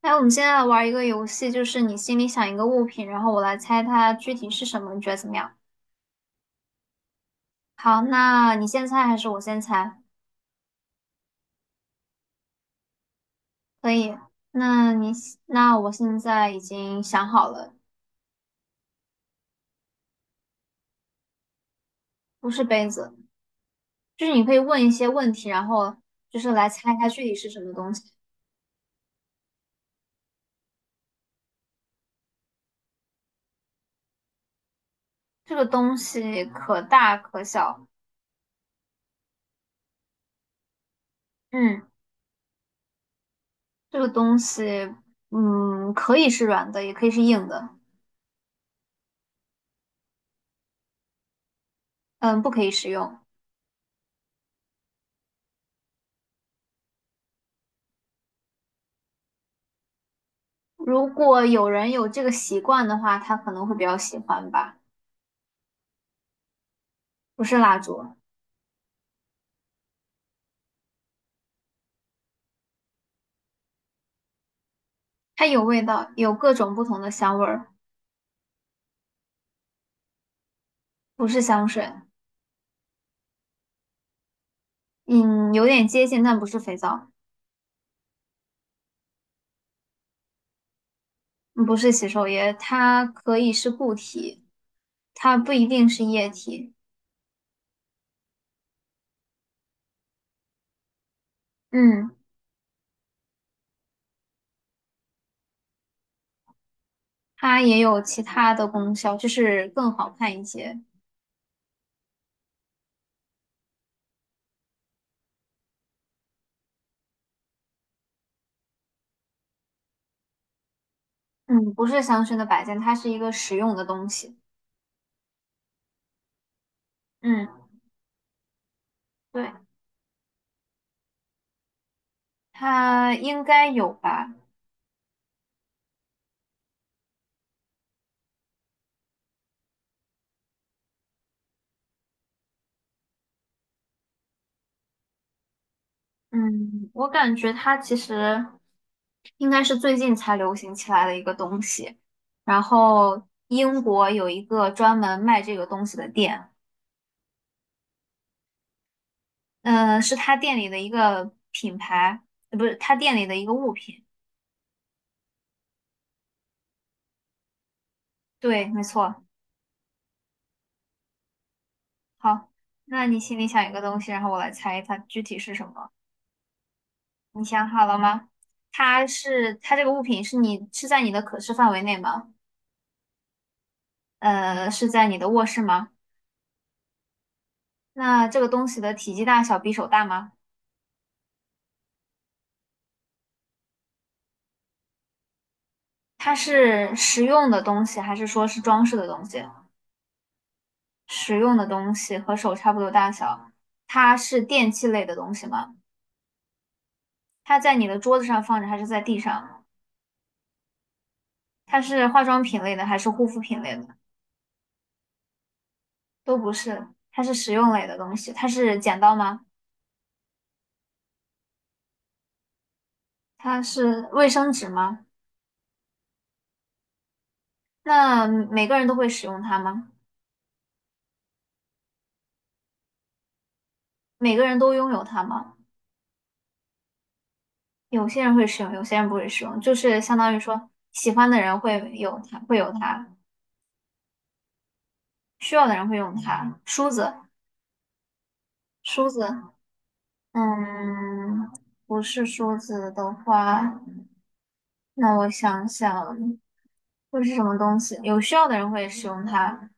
哎，我们现在玩一个游戏，就是你心里想一个物品，然后我来猜它具体是什么，你觉得怎么样？好，那你先猜还是我先猜？可以。那你那我现在已经想好了。不是杯子，就是你可以问一些问题，然后就是来猜它具体是什么东西。这个东西可大可小。嗯，这个东西，嗯，可以是软的，也可以是硬的。嗯，不可以食用。如果有人有这个习惯的话，他可能会比较喜欢吧。不是蜡烛。它有味道，有各种不同的香味儿。不是香水。嗯，有点接近，但不是肥皂。嗯，不是洗手液，它可以是固体，它不一定是液体。嗯，它也有其他的功效，就是更好看一些。嗯，不是香薰的摆件，它是一个实用的东西。嗯，对，它应该有吧。嗯，我感觉它其实应该是最近才流行起来的一个东西。然后英国有一个专门卖这个东西的店。嗯、是他店里的一个品牌，不是他店里的一个物品。对，没错。好，那你心里想一个东西，然后我来猜它具体是什么。你想好了吗？它这个物品是你在你的可视范围内吗？呃，是在你的卧室吗？那这个东西的体积大小比手大吗？它是实用的东西，还是说是装饰的东西？实用的东西和手差不多大小，它是电器类的东西吗？它在你的桌子上放着，还是在地上？它是化妆品类的，还是护肤品类的？都不是，它是实用类的东西。它是剪刀吗？它是卫生纸吗？那每个人都会使用它吗？每个人都拥有它吗？有些人会使用，有些人不会使用，就是相当于说，喜欢的人会有它，会有它；需要的人会用它。梳子，梳子，嗯，不是梳子的话，那我想想，会是什么东西？有需要的人会使用它，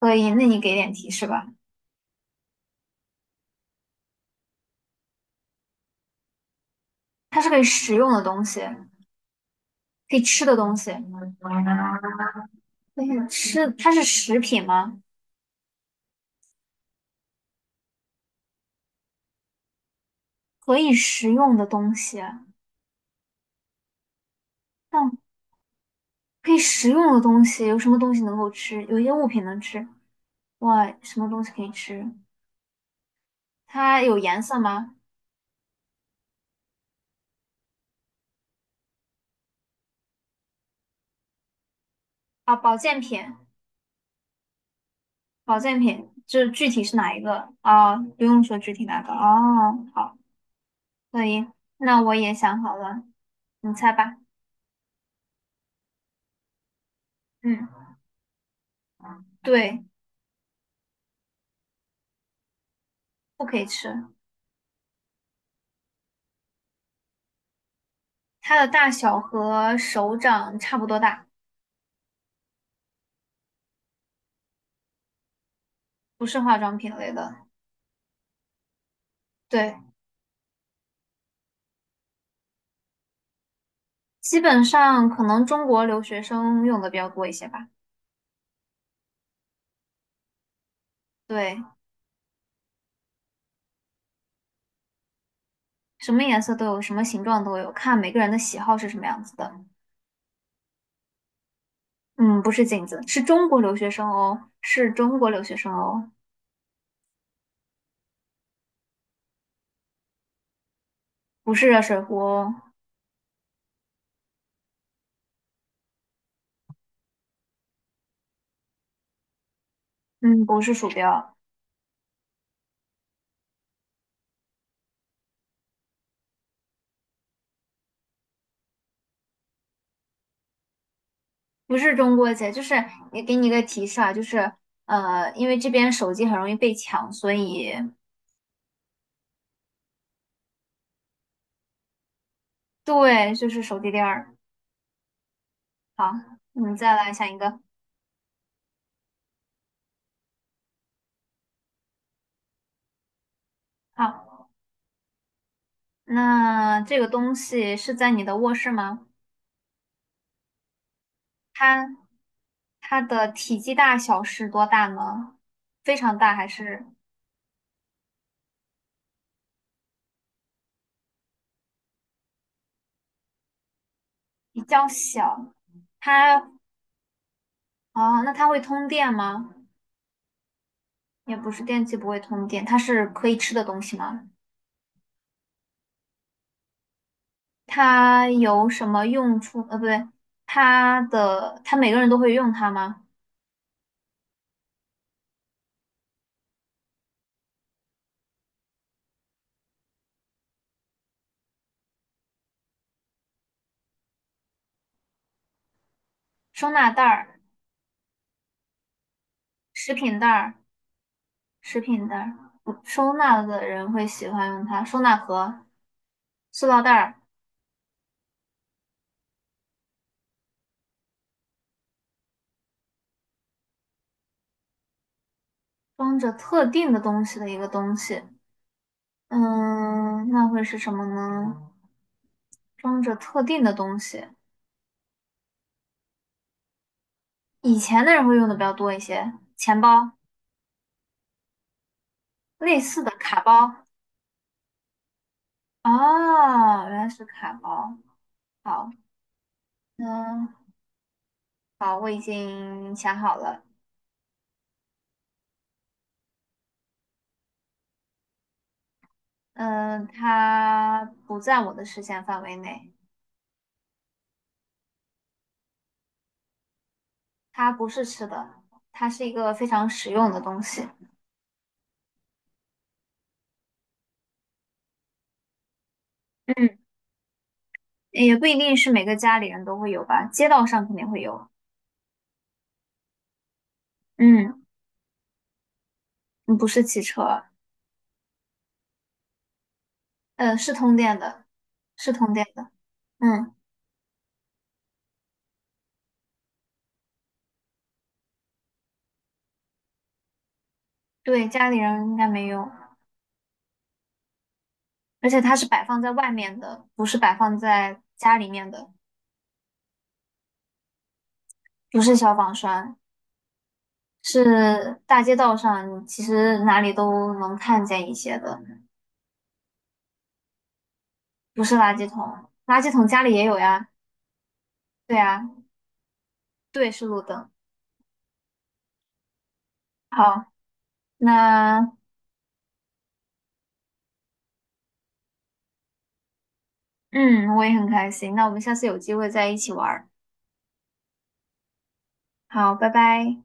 所以那你给点提示吧。它是可以食用的东西，可以吃的东西，可以吃，它是食品吗？可以食用的东西，那可以食用的东西有什么东西能够吃？有一些物品能吃，哇，什么东西可以吃？它有颜色吗？啊，保健品。保健品，就是具体是哪一个？哦，不用说具体哪个。哦，好，可以。那我也想好了，你猜吧。嗯，对，不可以吃。它的大小和手掌差不多大，不是化妆品类的。对，基本上可能中国留学生用的比较多一些吧。对，什么颜色都有，什么形状都有，看每个人的喜好是什么样子的。嗯，不是镜子，是中国留学生哦，是中国留学生哦。不是热水壶哦。嗯，不是鼠标。不是中国结，就是也给你一个提示啊，就是，因为这边手机很容易被抢，所以对，就是手机链儿。好，你再来想一个。好，那这个东西是在你的卧室吗？它它的体积大小是多大呢？非常大还是比较小？它哦，那它会通电吗？也不是，电器不会通电，它是可以吃的东西吗？它有什么用处？呃，不对，它每个人都会用它吗？收纳袋儿、食品袋儿、食品袋儿，嗯收纳的人会喜欢用它。收纳盒、塑料袋儿，装着特定的东西的一个东西。嗯，那会是什么呢？装着特定的东西，以前的人会用的比较多一些。钱包类似的卡包啊，原来是卡包。好，嗯，好，我已经想好了。嗯，它不在我的视线范围内。它不是吃的，它是一个非常实用的东西。嗯，也不一定是每个家里人都会有吧，街道上肯定会有。嗯，嗯不是汽车。呃，是通电的，是通电的。嗯，对，家里人应该没有，而且它是摆放在外面的，不是摆放在家里面的。不是消防栓，是大街道上，其实哪里都能看见一些的。不是垃圾桶，垃圾桶家里也有呀。对呀，对，是路灯。好，那嗯，我也很开心。那我们下次有机会再一起玩儿。好，拜拜。